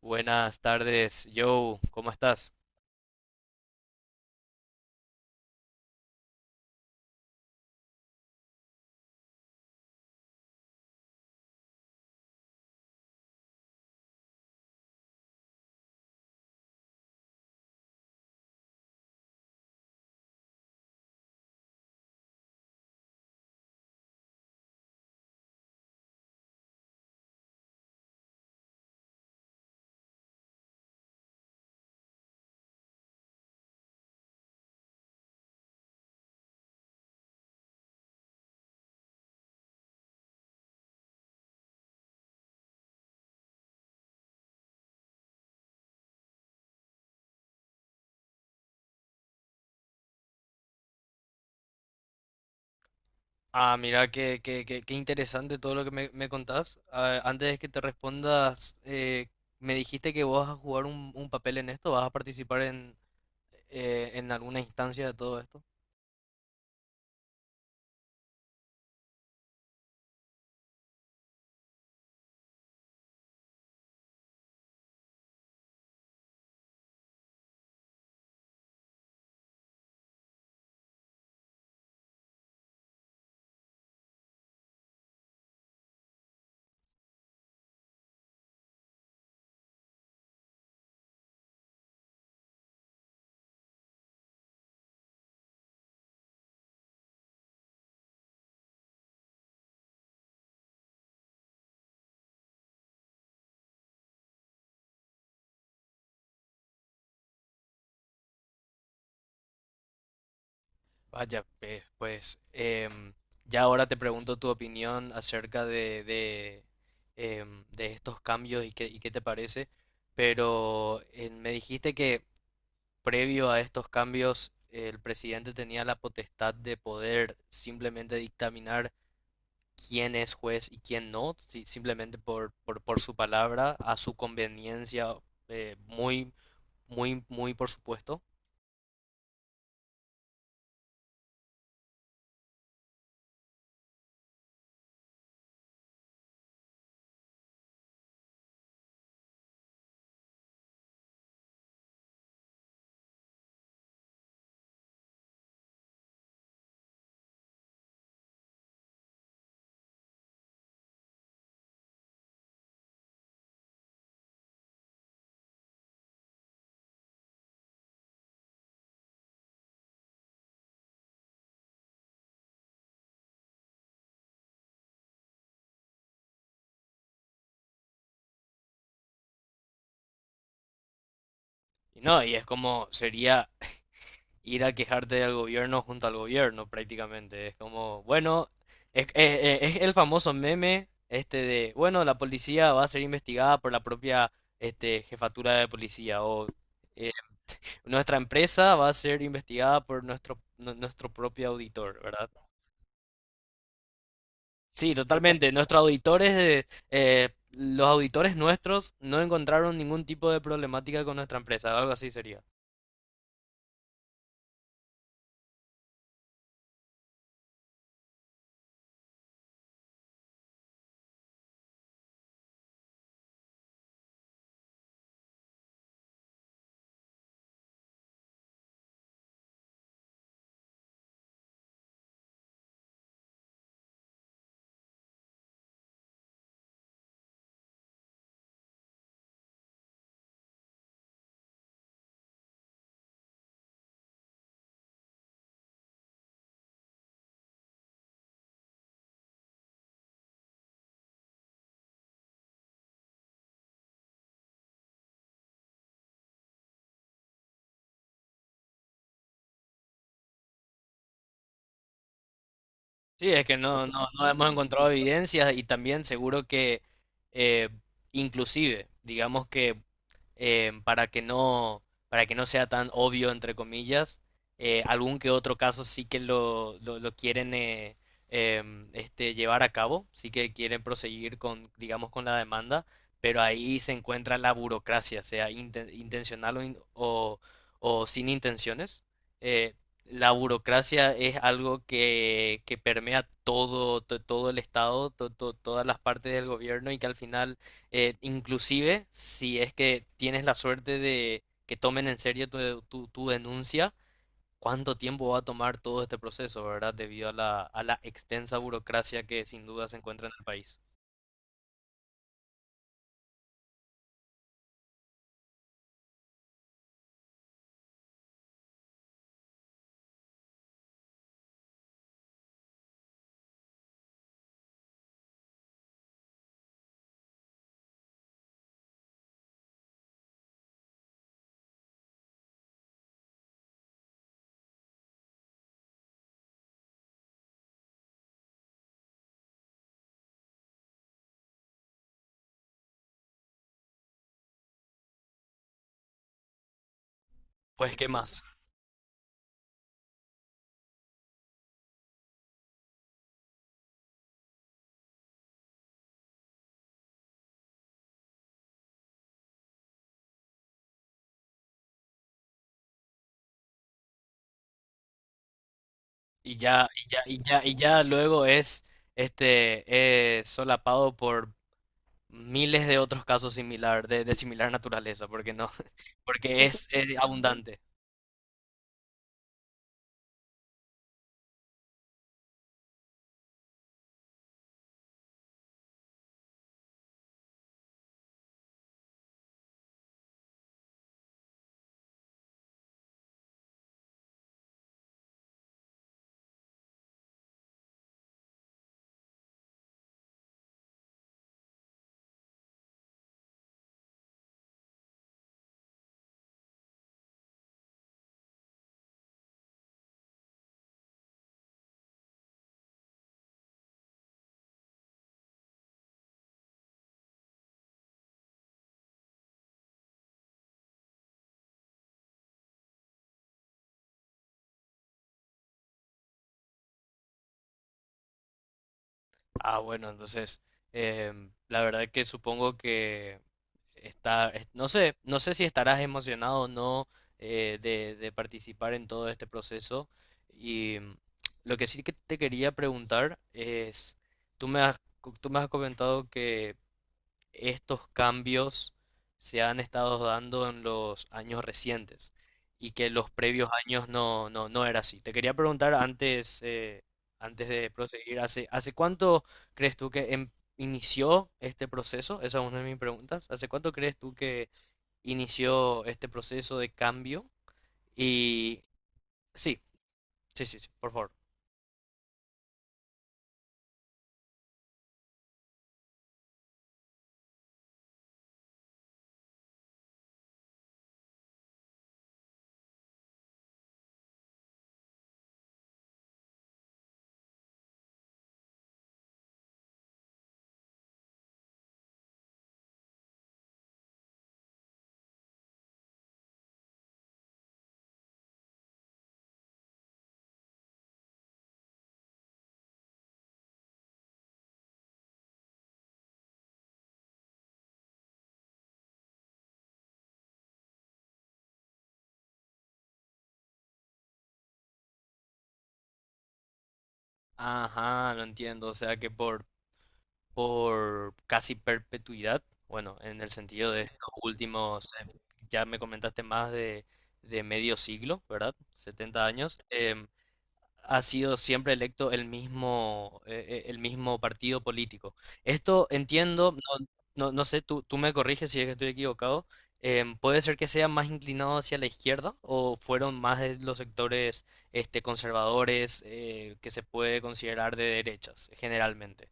Buenas tardes, Joe, ¿cómo estás? Ah, mira, qué interesante todo lo que me contás. Ah, antes de que te respondas, me dijiste que vos vas a jugar un papel en esto, vas a participar en alguna instancia de todo esto. Vaya, pues, ya ahora te pregunto tu opinión acerca de estos cambios y y qué te parece, pero me dijiste que previo a estos cambios, el presidente tenía la potestad de poder simplemente dictaminar quién es juez y quién no, simplemente por su palabra, a su conveniencia, eh, muy, muy por supuesto. Y no, y es como sería ir a quejarte del gobierno junto al gobierno prácticamente. Es como, bueno, es el famoso meme este de, bueno, la policía va a ser investigada por la propia este, jefatura de policía o eh, nuestra empresa va a ser investigada por nuestro propio auditor, ¿verdad? Sí, totalmente. Los auditores nuestros no encontraron ningún tipo de problemática con nuestra empresa, algo así sería. Sí, es que no hemos encontrado evidencias y también seguro que eh, inclusive, digamos que eh, para que no, para que no sea tan obvio, entre comillas, algún que otro caso sí que lo quieren llevar a cabo, sí que quieren proseguir con, digamos, con la demanda, pero ahí se encuentra la burocracia, sea intencional o o sin intenciones. Eh, la burocracia es algo que permea todo, todo el Estado, todas las partes del gobierno y que al final, inclusive si es que tienes la suerte de que tomen en serio tu denuncia, ¿cuánto tiempo va a tomar todo este proceso, verdad? Debido a a la extensa burocracia que sin duda se encuentra en el país. Pues, ¿qué más? Y ya luego es, solapado por miles de otros casos similar, de similar naturaleza, porque no, porque es abundante. Ah, bueno, entonces, la verdad que supongo que no sé, no sé si estarás emocionado o no de participar en todo este proceso. Y lo que sí que te quería preguntar es, tú me has comentado que estos cambios se han estado dando en los años recientes y que los previos años no era así. Te quería preguntar antes, antes de proseguir, ¿ hace cuánto crees tú que inició este proceso? Esa es una de mis preguntas. ¿Hace cuánto crees tú que inició este proceso de cambio? Y sí, sí, por favor. Ajá, lo entiendo. O sea que por casi perpetuidad. Bueno, en el sentido de estos últimos, ya me comentaste más de medio siglo, ¿verdad? 70 años. Ha sido siempre electo el mismo partido político. Esto entiendo, no, no, no sé, tú me corriges si es que estoy equivocado. ¿Puede ser que sea más inclinado hacia la izquierda o fueron más de los sectores este, conservadores que se puede considerar de derechas generalmente?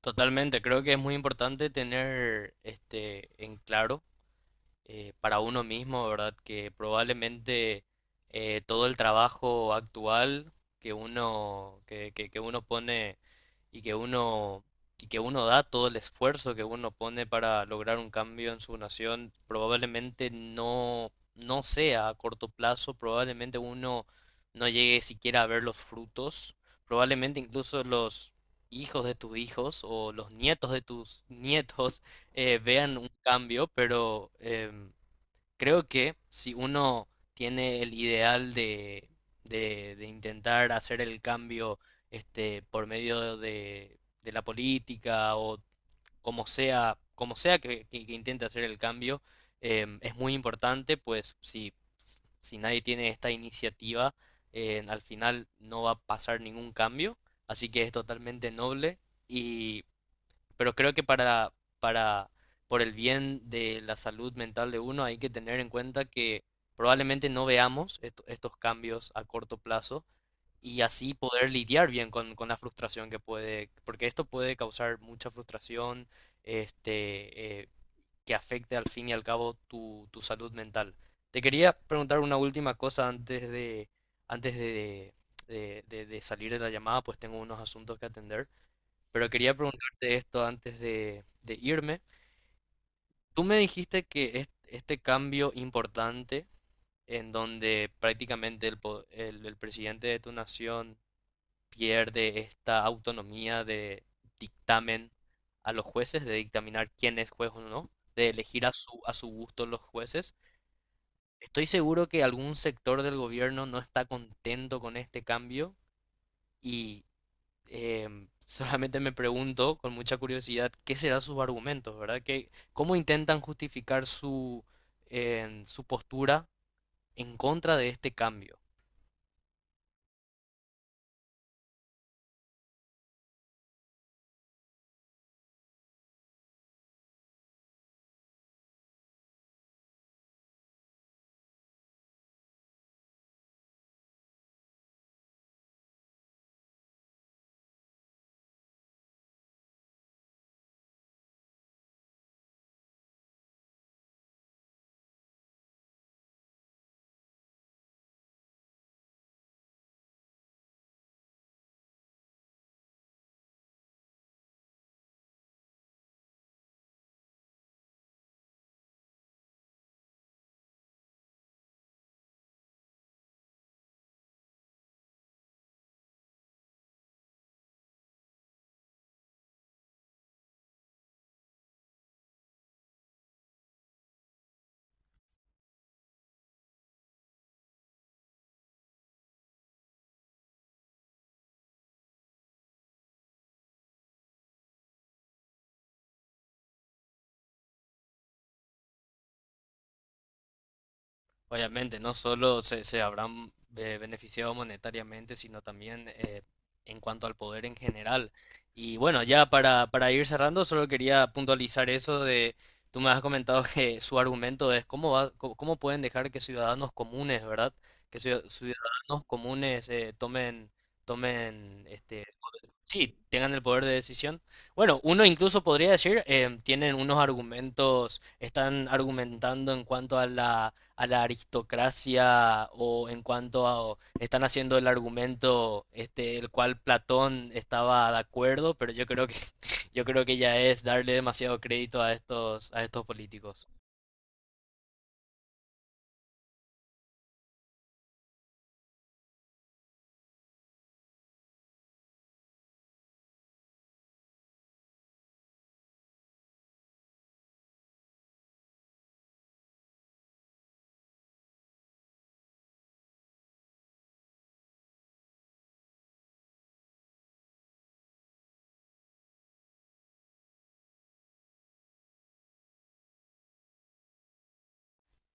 Totalmente, creo que es muy importante tener este en claro para uno mismo, ¿verdad? Que probablemente todo el trabajo actual que uno, que uno pone y que uno, y que uno da, todo el esfuerzo que uno pone para lograr un cambio en su nación, probablemente no, no sea a corto plazo, probablemente uno no llegue siquiera a ver los frutos, probablemente incluso los hijos de tus hijos o los nietos de tus nietos vean un cambio, pero creo que si uno tiene el ideal de intentar hacer el cambio este, por medio de la política o como sea que intente hacer el cambio, es muy importante, pues si, si nadie tiene esta iniciativa, al final no va a pasar ningún cambio, así que es totalmente noble y pero creo que para, por el bien de la salud mental de uno hay que tener en cuenta que probablemente no veamos estos cambios a corto plazo y así poder lidiar bien con la frustración que puede, porque esto puede causar mucha frustración, este, eh, que afecte al fin y al cabo tu, tu salud mental. Te quería preguntar una última cosa antes de salir de la llamada, pues tengo unos asuntos que atender. Pero quería preguntarte esto antes de irme. Tú me dijiste que este cambio importante en donde prácticamente el presidente de tu nación pierde esta autonomía de dictamen a los jueces, de dictaminar quién es juez o no, de elegir a a su gusto los jueces. Estoy seguro que algún sector del gobierno no está contento con este cambio solamente me pregunto con mucha curiosidad qué serán sus argumentos, ¿verdad? Que, ¿cómo intentan justificar su postura en contra de este cambio? Obviamente, no solo se, se habrán beneficiado monetariamente, sino también en cuanto al poder en general. Y bueno, ya para ir cerrando, solo quería puntualizar eso de, tú me has comentado que su argumento es cómo pueden dejar que ciudadanos comunes, ¿verdad? Que ciudadanos comunes tomen este, sí, tengan el poder de decisión. Bueno, uno incluso podría decir, tienen unos argumentos, están argumentando en cuanto a a la aristocracia o en cuanto o están haciendo el argumento este, el cual Platón estaba de acuerdo, pero yo creo que, yo creo que ya es darle demasiado crédito a a estos políticos.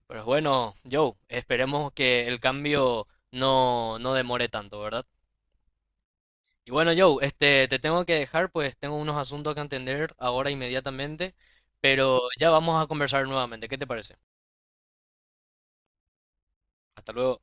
Pero bueno, Joe, esperemos que el cambio no, no demore tanto, ¿verdad? Y bueno, Joe, este, te tengo que dejar, pues tengo unos asuntos que atender ahora inmediatamente, pero ya vamos a conversar nuevamente. ¿Qué te parece? Hasta luego.